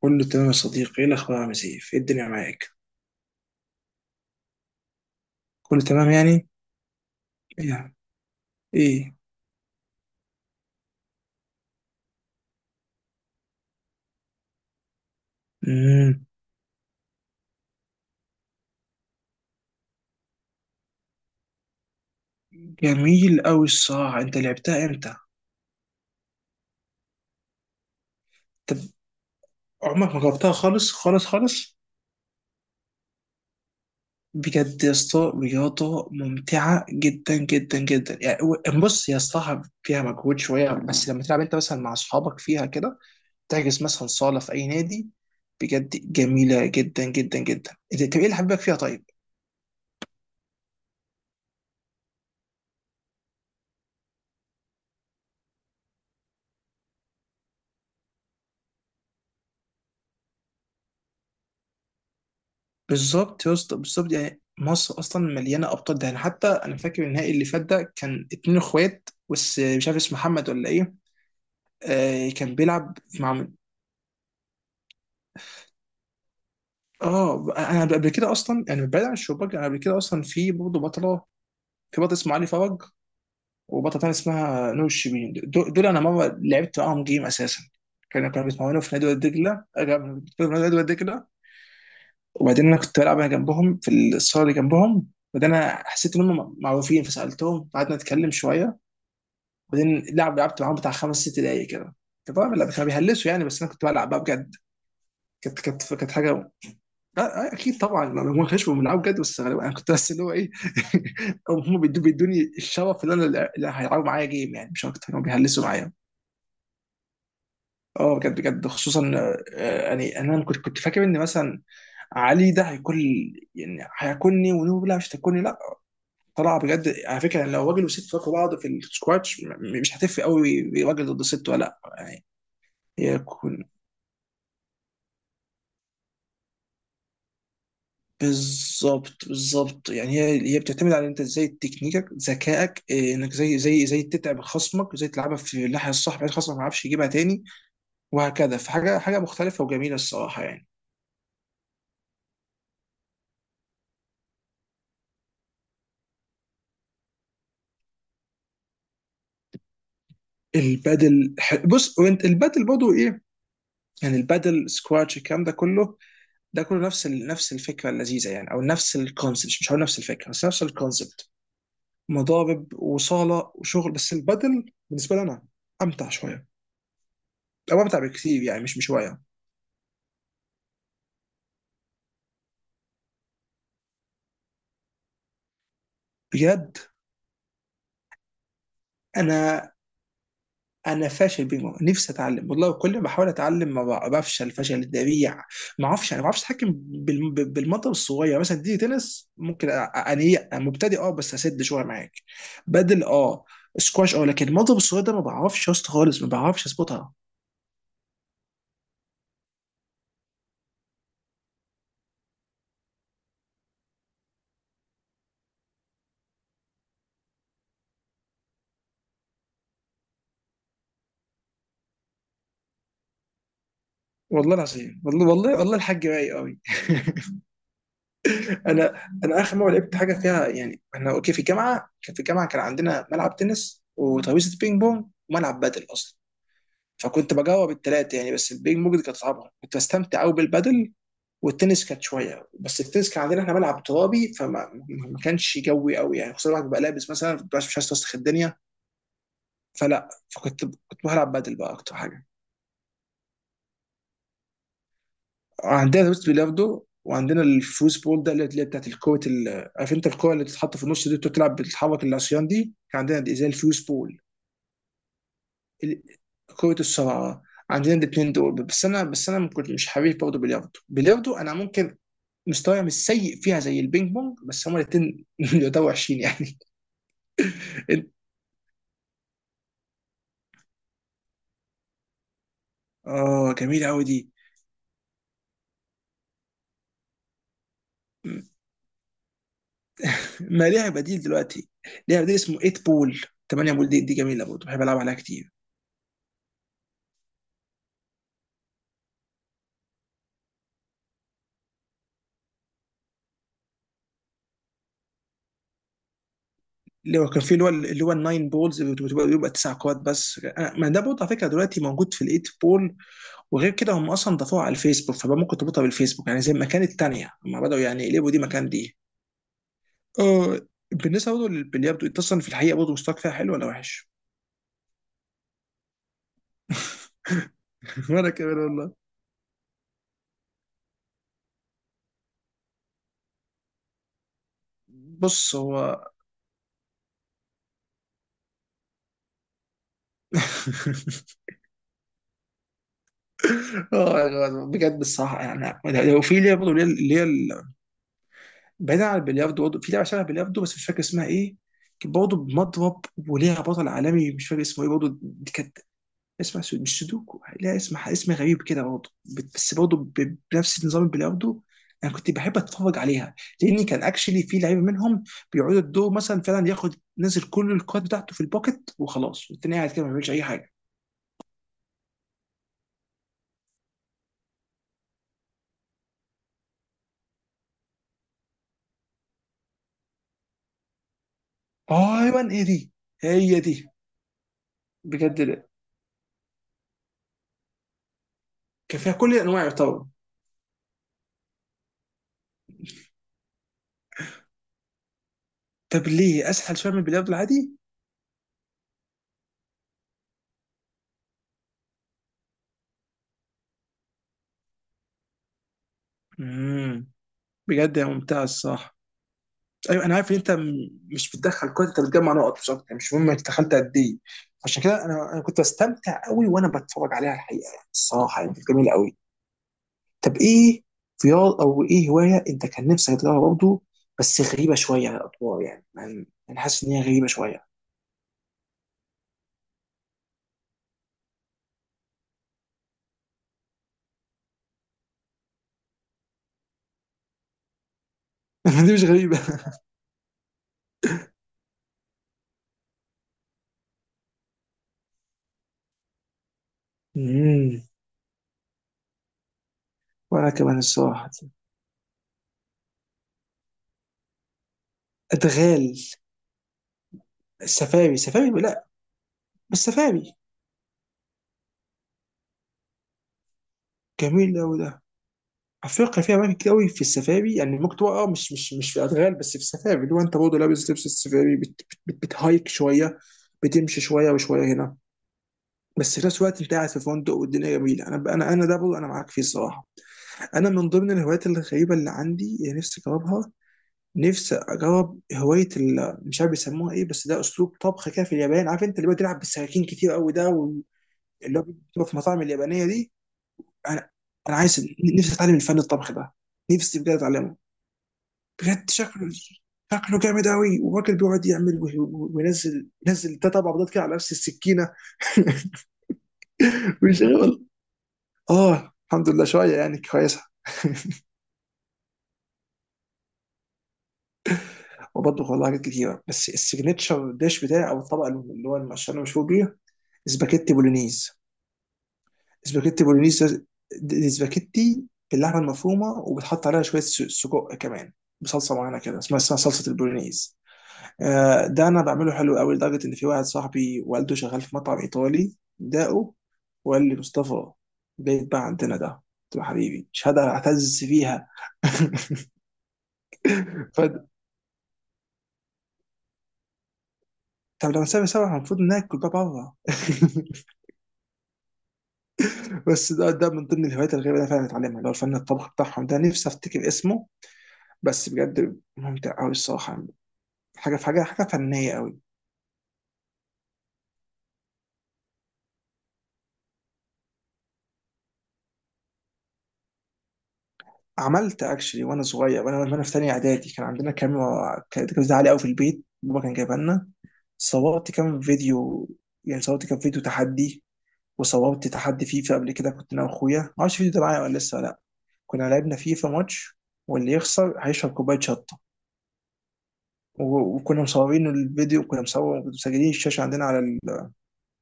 كله تمام يا صديقي، ايه الاخبار؟ عامل ايه الدنيا معاك؟ كله تمام يعني. ايه؟ ايه؟ مم. جميل قوي الصراحه، انت لعبتها امتى؟ طب، عمرك ما جربتها خالص خالص خالص؟ بجد يا اسطى، رياضه ممتعه جدا جدا جدا يعني. بص، هي الصراحه فيها مجهود شويه، بس لما تلعب انت مثلا مع اصحابك فيها كده تحجز مثلا صاله في اي نادي. بجد جميله جدا جدا جدا. طب ايه اللي حبيبك فيها طيب؟ بالظبط يا اسطى، بالظبط. يعني مصر اصلا مليانه ابطال. ده يعني حتى انا فاكر النهائي اللي فات ده كان اتنين اخوات، بس مش عارف اسمه محمد ولا ايه. آه، كان بيلعب مع اه، انا قبل كده اصلا يعني، بعيد عن الشباك، انا قبل كده اصلا في برضه بطله، في بطل اسمه علي فرج، وبطله تانية اسمها نور الشربيني. دول انا مره لعبت معاهم جيم اساسا. كانوا بيتمرنوا في نادي وادي دجله. آه، كانوا بيتمرنوا في نادي وادي دجله. وبعدين انا كنت بلعب انا جنبهم في الصاله اللي جنبهم. وبعدين انا حسيت ان هم معروفين فسالتهم، قعدنا نتكلم شويه. وبعدين لعبت معاهم بتاع خمس ست دقايق كده. كانت طبعا لا، كانوا بيهلسوا يعني، بس انا كنت بلعب بقى بجد. كانت حاجه. آه، اكيد طبعا لو هم كانوا بيلعبوا بجد، بس غالبا انا كنت بس اللي هو ايه. أو هم بيدوني الشرف اللي انا اللي هيلعبوا معايا جيم يعني، مش اكتر. كانوا بيهلسوا معايا. اه بجد بجد خصوصا. آه، يعني انا كنت فاكر ان مثلا علي ده هيكون يعني هياكلني. ونوبه لا، مش هتاكلني، لا. طلع بجد على فكره يعني. لو راجل وست فاكوا بعض في السكواتش مش هتفرق قوي، راجل ضد ست ولا لا يعني؟ هي كل. بالظبط، بالظبط. يعني هي بتعتمد على انت ازاي، تكنيكك، ذكائك، إيه، انك زي تتعب خصمك، زي تلعبها في الناحيه الصح بحيث خصمك ما يعرفش يجيبها تاني، وهكذا. حاجه مختلفه وجميله الصراحه يعني. بص، وانت البادل برضه ايه؟ يعني البادل، سكواتش، الكلام ده كله، ده كله نفس نفس الفكره اللذيذه يعني، او نفس الكونسبت. مش هقول نفس الفكره، بس نفس الكونسبت. مضارب وصاله وشغل. بس البدل بالنسبه لي انا امتع شويه. او امتع بكثير يعني، مش بشويه. بجد انا انا فاشل بينج بونج. نفسي اتعلم والله. كل ما بحاول اتعلم ما بع- بفشل فشل ذريع. ما اعرفش، انا ما بعرفش اتحكم بالمضرب الصغير. يعني مثلا دي تنس ممكن انيق مبتدئ، اه، بس اسد شويه معاك. بدل، اه. سكواش، اه. لكن المضرب الصغير ده ما بعرفش يا اسطى خالص، ما بعرفش اظبطها. والله العظيم، والله، والله، والله، الحاج رايق قوي. انا انا اخر مره لعبت حاجه فيها يعني، احنا اوكي، في الجامعه، كان في الجامعه كان عندنا ملعب تنس، وترابيزه بينج بونج، وملعب بادل اصلا. فكنت بجاوب الثلاثه يعني، بس البينج بونج دي كانت صعبه. كنت بستمتع قوي بالبادل. والتنس كانت شويه. بس التنس كان عندنا احنا ملعب ترابي، ما كانش جوي قوي يعني، خصوصا الواحد بيبقى لابس مثلا مش عايز توسخ الدنيا. فلا، كنت بلعب بادل بقى اكتر حاجه. عندنا روست بيلاردو، وعندنا الفوز بول ده، اللي هي بتاعت الكوره، عارف انت الكوره اللي بتتحط في النص دي، بتقعد تلعب، بتتحرك العصيان دي. كان عندنا دي زي الفوز بول. ال- كرة الصراعة. عندنا الاثنين دول. بس انا كنت مش حريف. برضه بلياردو، انا ممكن مستواي مش سيء فيها زي البينج بونج، بس هما الاثنين يعتبروا وحشين يعني. اه جميلة قوي دي. ما ليها بديل دلوقتي. ليها بديل اسمه 8 بول. 8 بول دي جميلة برضه. بحب العب عليها كتير. اللي هو كان في اللي هو الناين بولز، بتبقى بيبقى تسع كوات. بس ما ده برضه على فكره دلوقتي موجود في الايت بول. وغير كده هم اصلا ضافوها على الفيسبوك، فبقى ممكن تربطها بالفيسبوك يعني، زي ما كانت الثانيه. هم بداوا يعني يقلبوا دي مكان دي. اه. بالنسبه برضه للبلياردو، انت اصلا في الحقيقه برضه مستواك فيها حلو ولا وحش؟ وانا كمان والله. بص هو. اه بجد الصراحه يعني، لو في لعبه برضه، اللي هي بعيدا عن البلياردو، برضه في لعبه شبه البلياردو بس مش فاكر اسمها ايه. كانت برضه بمضرب وليها بطل عالمي مش فاكر اسمه ايه برضه. دي كانت اسمها مش سودوكو لا، اسم غريب كده برضه. بس برضه بنفس نظام البلياردو. انا كنت بحب اتفرج عليها، لان كان اكشلي في لعيبه منهم بيقعدوا الدور مثلا فعلا ياخد نزل كل الكارد بتاعته في البوكت وخلاص، والتاني قاعد كده ما بيعملش اي حاجه. ايوه، ايه دي؟ هي دي. بجد لا. كان فيها كل الانواع يعتبر. طب ليه اسهل شويه من البلياردو العادي؟ مم. بجد يا ممتاز الصراحه. ايوه، انا عارف ان انت مش بتدخل كويس، انت بتجمع نقط مش اكتر يعني، مش مهم انت دخلت قد ايه. عشان كده انا كنت بستمتع قوي وانا بتفرج عليها الحقيقه يعني. الصراحه يعني كانت جميله قوي. طب ايه رياض او ايه هوايه انت كان نفسك تجربها برضه؟ بس غريبه شويه على الاطوار يعني، يعني انا حاسس ان هي غريبه شويه. دي مش غريبه. امم. وانا كمان الصراحه. ادغال؟ السفاري؟ سفاري؟ لا، بس سفاري. جميل قوي. افريقيا فيها اماكن كتير قوي في السفاري يعني. ممكن تبقى اه، مش في ادغال بس في السفاري، اللي هو انت برضه لابس لبس السفاري، بت بت بت بتهايك شويه، بتمشي شويه وشويه هنا. بس في نفس الوقت انت قاعد في فندق والدنيا جميله. انا ده برضه انا معاك فيه الصراحه. انا من ضمن الهوايات الغريبه اللي عندي اللي نفسي اجربها، نفسي اجرب هوايه مش عارف بيسموها ايه، بس ده اسلوب طبخ كده في اليابان. عارف انت اللي هو بتلعب بالسكاكين كتير قوي ده اللي هو بتبقى في المطاعم اليابانيه دي. انا انا عايز نفسي اتعلم الفن الطبخ ده. نفسي بجد اتعلمه. بجد شكله جامد قوي، وراجل بيقعد يعمل وينزل ينزل ده، طبعا بيضات كده على نفس السكينه. ويشغل. اه الحمد لله شويه يعني كويسه. وبطبخ والله حاجات كتيره. بس السيجنتشر ديش بتاعي او الطبق اللي هو عشان انا مشهور بيه، سباكيتي بولونيز. سباكيتي بولونيز ده- دي سباكيتي باللحمه المفرومه، وبتحط عليها شويه سجق كمان، بصلصه معينه كده اسمها صلصه البولونيز. آه، ده انا بعمله حلو قوي لدرجه ان في واحد صاحبي والده شغال في مطعم ايطالي داقه وقال لي: مصطفى، جاي بقى عندنا ده. قلت له: حبيبي مش هقدر اعتز فيها. ف. طب لما نسافر سوا المفروض ناكل بقى بره. بس ده من ضمن الهوايات الغريبه اللي انا فعلا اتعلمها، اللي هو الفن الطبخ بتاعهم ده. نفسي افتكر اسمه. بس بجد ممتع قوي الصراحه. حاجه في حاجه، حاجه فنيه قوي. عملت اكشلي وانا صغير، وانا في ثانيه اعدادي، كان عندنا كاميرا، كانت عاليه قوي، في البيت، بابا كان جايبها لنا. صورت كام فيديو، يعني صورت كام فيديو تحدي. وصورت تحدي فيفا قبل كده، كنت انا واخويا ما اعرفش الفيديو ده معايا ولا لسه ولا لا. كنا لعبنا فيفا ماتش، واللي يخسر هيشرب كوبايه شطه. وكنا مصورين الفيديو، كنا مسجلين الشاشه عندنا على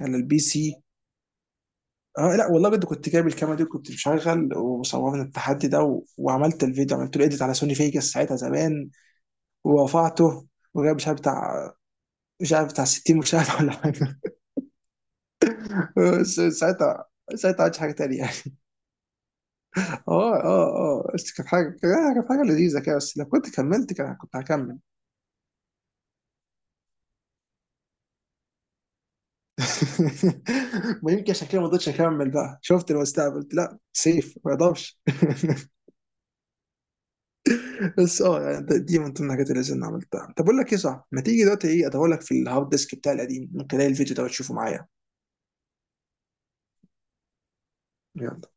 على البي سي. اه لا والله بجد كنت جايب الكاميرا دي، كنت مشغل، وصورنا التحدي ده، وعملت الفيديو، عملت له اديت على سوني فيجاس ساعتها زمان، ورفعته، وجايب مش عارف بتاع، 60 مشاهده ولا حاجه. ساعتها، ساعتها ما عملتش حاجه تانيه. اه بس كانت حاجة، كانت حاجة لذيذة كده. بس لو كنت كملت كنت هكمل. ما يمكن عشان كده ما قدرتش اكمل بقى، شفت المستقبل قلت لا سيف ما يقدرش. بس اه يعني دي من ضمن الحاجات اللي انا عملتها. طب اقول لك ايه، صح، ما تيجي دلوقتي، ايه، ادور لك في الهارد ديسك بتاعي القديم ممكن الاقي الفيديو ده وتشوفه معايا؟ يلا.